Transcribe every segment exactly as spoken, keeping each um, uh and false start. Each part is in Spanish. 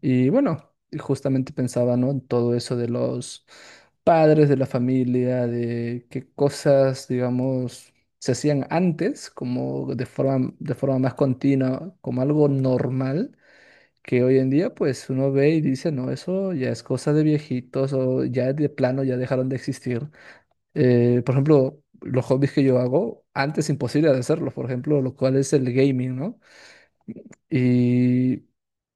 Y bueno, y justamente pensaba, ¿no? En todo eso de los padres, de la familia, de qué cosas, digamos, se hacían antes, como de forma, de forma más continua, como algo normal, que hoy en día, pues uno ve y dice, no, eso ya es cosa de viejitos o ya de plano ya dejaron de existir. Eh, por ejemplo, los hobbies que yo hago, antes imposible de hacerlos, por ejemplo, lo cual es el gaming, ¿no? Y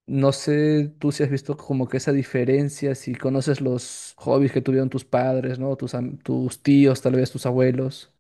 no sé tú si has visto como que esa diferencia, si conoces los hobbies que tuvieron tus padres, ¿no? Tus, am- tus tíos, tal vez tus abuelos.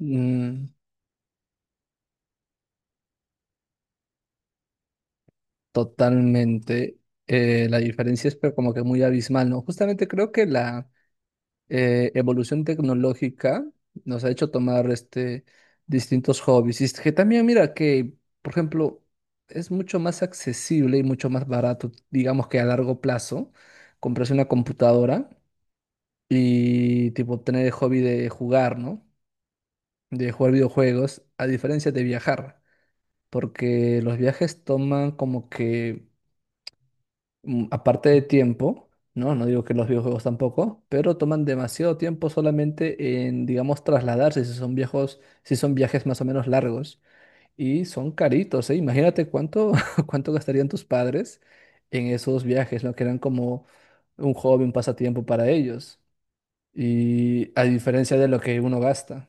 Mm, totalmente. Eh, la diferencia es pero como que muy abismal, ¿no? Justamente creo que la eh, evolución tecnológica nos ha hecho tomar este, distintos hobbies. Y es que también, mira, que, por ejemplo, es mucho más accesible y mucho más barato, digamos que a largo plazo, comprarse una computadora y tipo tener el hobby de jugar, ¿no? De jugar videojuegos, a diferencia de viajar, porque los viajes toman como que mm, aparte de tiempo, ¿no? No digo que los videojuegos tampoco, pero toman demasiado tiempo solamente en, digamos, trasladarse, si son viejos, si son viajes más o menos largos. Y son caritos, ¿eh? Imagínate cuánto, cuánto gastarían tus padres en esos viajes, ¿no? Que eran como un hobby, un pasatiempo para ellos. Y a diferencia de lo que uno gasta.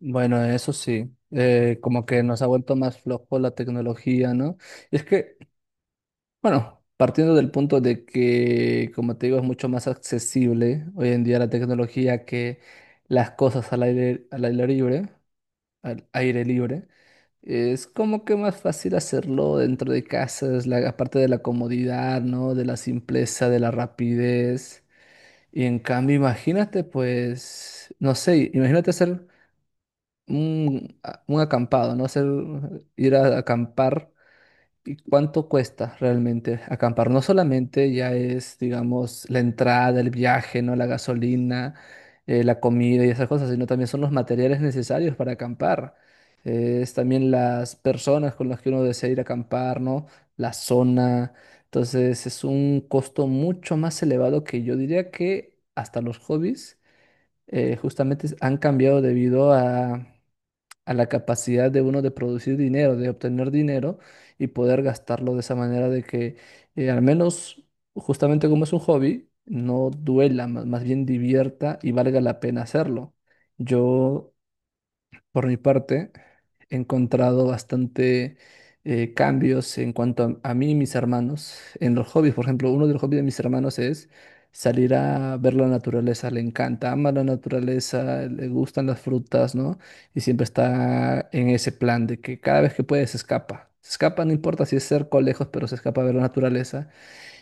Bueno, eso sí, eh, como que nos ha vuelto más flojo la tecnología, ¿no? Es que bueno, partiendo del punto de que, como te digo, es mucho más accesible hoy en día la tecnología que las cosas al aire, al aire libre, al aire libre, es como que más fácil hacerlo dentro de casa, es la, aparte de la comodidad, ¿no? De la simpleza, de la rapidez. Y en cambio, imagínate, pues, no sé, imagínate hacer un, a- un acampado, ¿no? Hacer, ir a acampar. ¿Y cuánto cuesta realmente acampar? No solamente ya es, digamos, la entrada, el viaje, ¿no? La gasolina, eh, la comida y esas cosas, sino también son los materiales necesarios para acampar. Eh, es también las personas con las que uno desea ir a acampar, ¿no? La zona. Entonces es un costo mucho más elevado que yo diría que hasta los hobbies eh, justamente han cambiado debido a a la capacidad de uno de producir dinero, de obtener dinero y poder gastarlo de esa manera de que eh, al menos justamente como es un hobby, no duela, ma- más bien divierta y valga la pena hacerlo. Yo por mi parte, he encontrado bastante eh, cambios en cuanto a, a mí y mis hermanos en los hobbies. Por ejemplo, uno de los hobbies de mis hermanos es salir a ver la naturaleza. Le encanta, ama la naturaleza, le gustan las frutas, ¿no? Y siempre está en ese plan de que cada vez que puede se escapa. Se escapa, no importa si es cerca o lejos, pero se escapa a ver la naturaleza.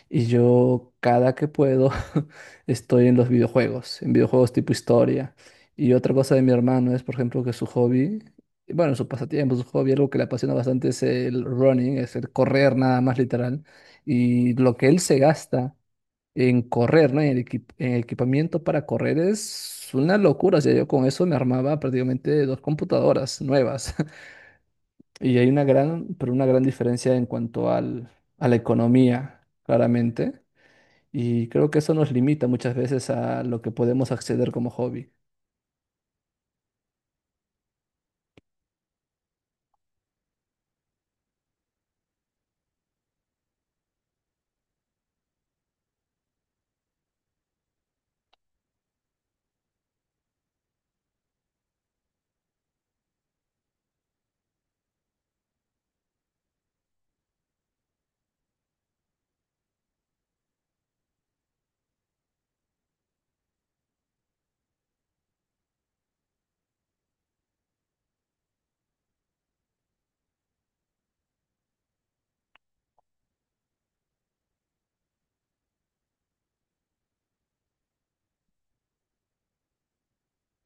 Y yo cada que puedo estoy en los videojuegos, en videojuegos tipo historia. Y otra cosa de mi hermano es, por ejemplo, que su hobby, bueno, su pasatiempo, su hobby, algo que le apasiona bastante es el running, es el correr nada más literal. Y lo que él se gasta en correr, ¿no? En el equip- en equipamiento para correr es una locura. O sea, yo con eso me armaba prácticamente dos computadoras nuevas. Y hay una gran, pero una gran diferencia en cuanto al, a la economía, claramente y creo que eso nos limita muchas veces a lo que podemos acceder como hobby.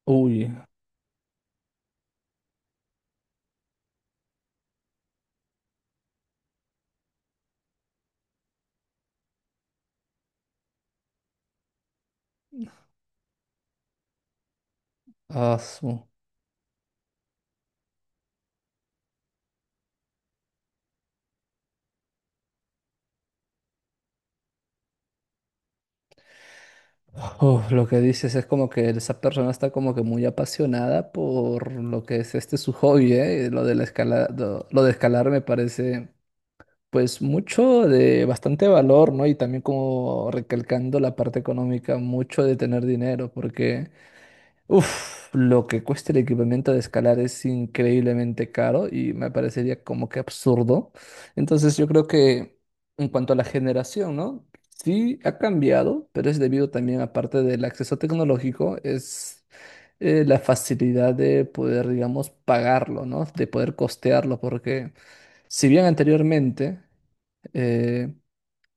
Uy, ah, su- uf, lo que dices es como que esa persona está como que muy apasionada por lo que es este su hobby, ¿eh? Lo de la escala, lo, lo de escalar me parece pues mucho de bastante valor, ¿no? Y también como recalcando la parte económica, mucho de tener dinero, porque uf, lo que cuesta el equipamiento de escalar es increíblemente caro y me parecería como que absurdo. Entonces yo creo que en cuanto a la generación, ¿no? Sí ha cambiado, pero es debido también, aparte del acceso tecnológico, es eh, la facilidad de poder, digamos, pagarlo, ¿no? De poder costearlo, porque si bien anteriormente eh,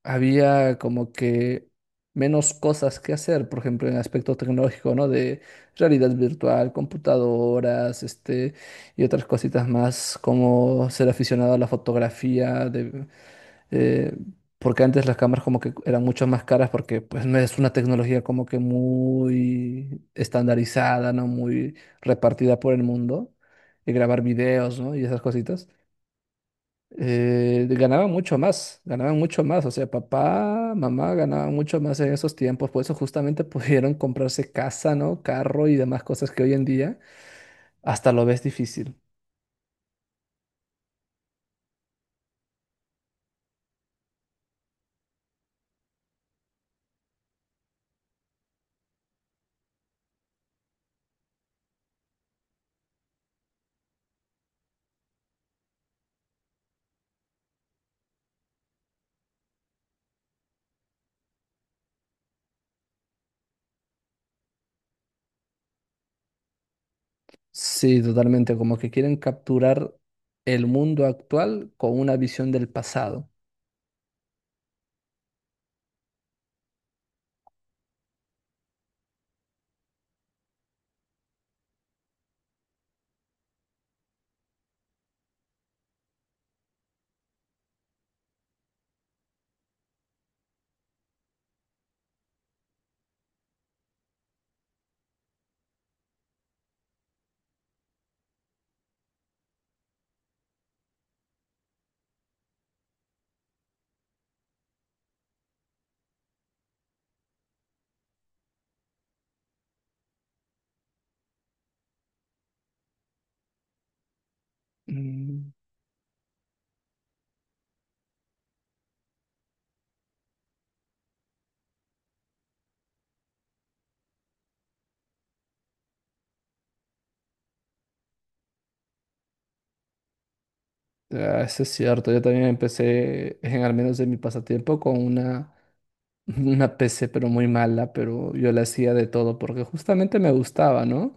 había como que menos cosas que hacer, por ejemplo, en el aspecto tecnológico, ¿no? De realidad virtual, computadoras, este, y otras cositas más, como ser aficionado a la fotografía, de, eh, porque antes las cámaras como que eran mucho más caras porque pues no es una tecnología como que muy estandarizada, ¿no? Muy repartida por el mundo, y grabar videos, ¿no? Y esas cositas eh, ganaban mucho más, ganaban mucho más, o sea, papá, mamá ganaban mucho más en esos tiempos, por eso justamente pudieron comprarse casa, ¿no? Carro y demás cosas que hoy en día hasta lo ves difícil. Sí, totalmente, como que quieren capturar el mundo actual con una visión del pasado. Mm, ah, eso es cierto, yo también empecé, en, al menos en mi pasatiempo, con una, una P C, pero muy mala, pero yo la hacía de todo porque justamente me gustaba, ¿no?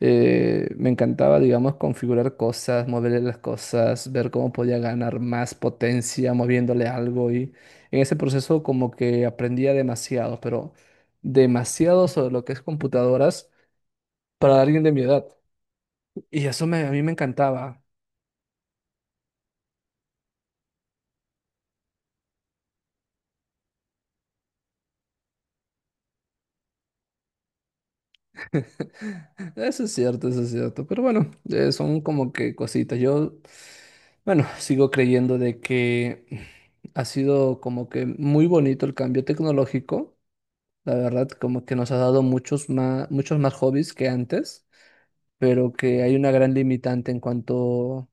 Eh, me encantaba, digamos, configurar cosas, moverle las cosas, ver cómo podía ganar más potencia moviéndole algo y en ese proceso como que aprendía demasiado, pero demasiado sobre lo que es computadoras para alguien de mi edad. Y eso me, a mí me encantaba. Eso es cierto, eso es cierto, pero bueno, eh, son como que cositas. Yo, bueno, sigo creyendo de que ha sido como que muy bonito el cambio tecnológico. La verdad, como que nos ha dado muchos más, muchos más hobbies que antes, pero que hay una gran limitante en cuanto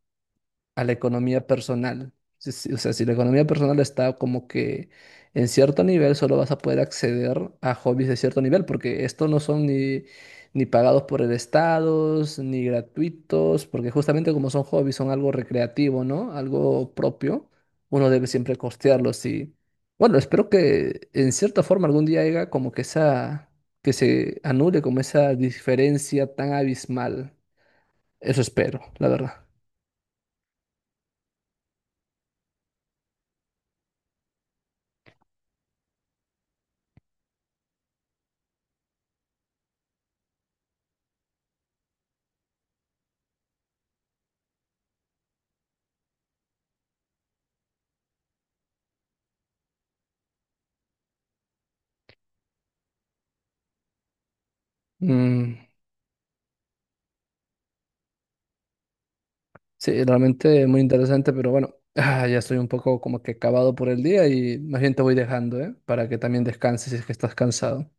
a la economía personal. Si- si- O sea, si la economía personal está como que en cierto nivel, solo vas a poder acceder a hobbies de cierto nivel, porque estos no son ni, ni pagados por el Estado, ni gratuitos, porque justamente como son hobbies, son algo recreativo, ¿no? Algo propio, uno debe siempre costearlos y, bueno, espero que en cierta forma algún día haya como que esa, que se anule como esa diferencia tan abismal. Eso espero, la verdad. Mm. Sí, realmente muy interesante, pero bueno, ah, ya estoy un poco como que acabado por el día y más bien te voy dejando, ¿eh? Para que también descanses si es que estás cansado.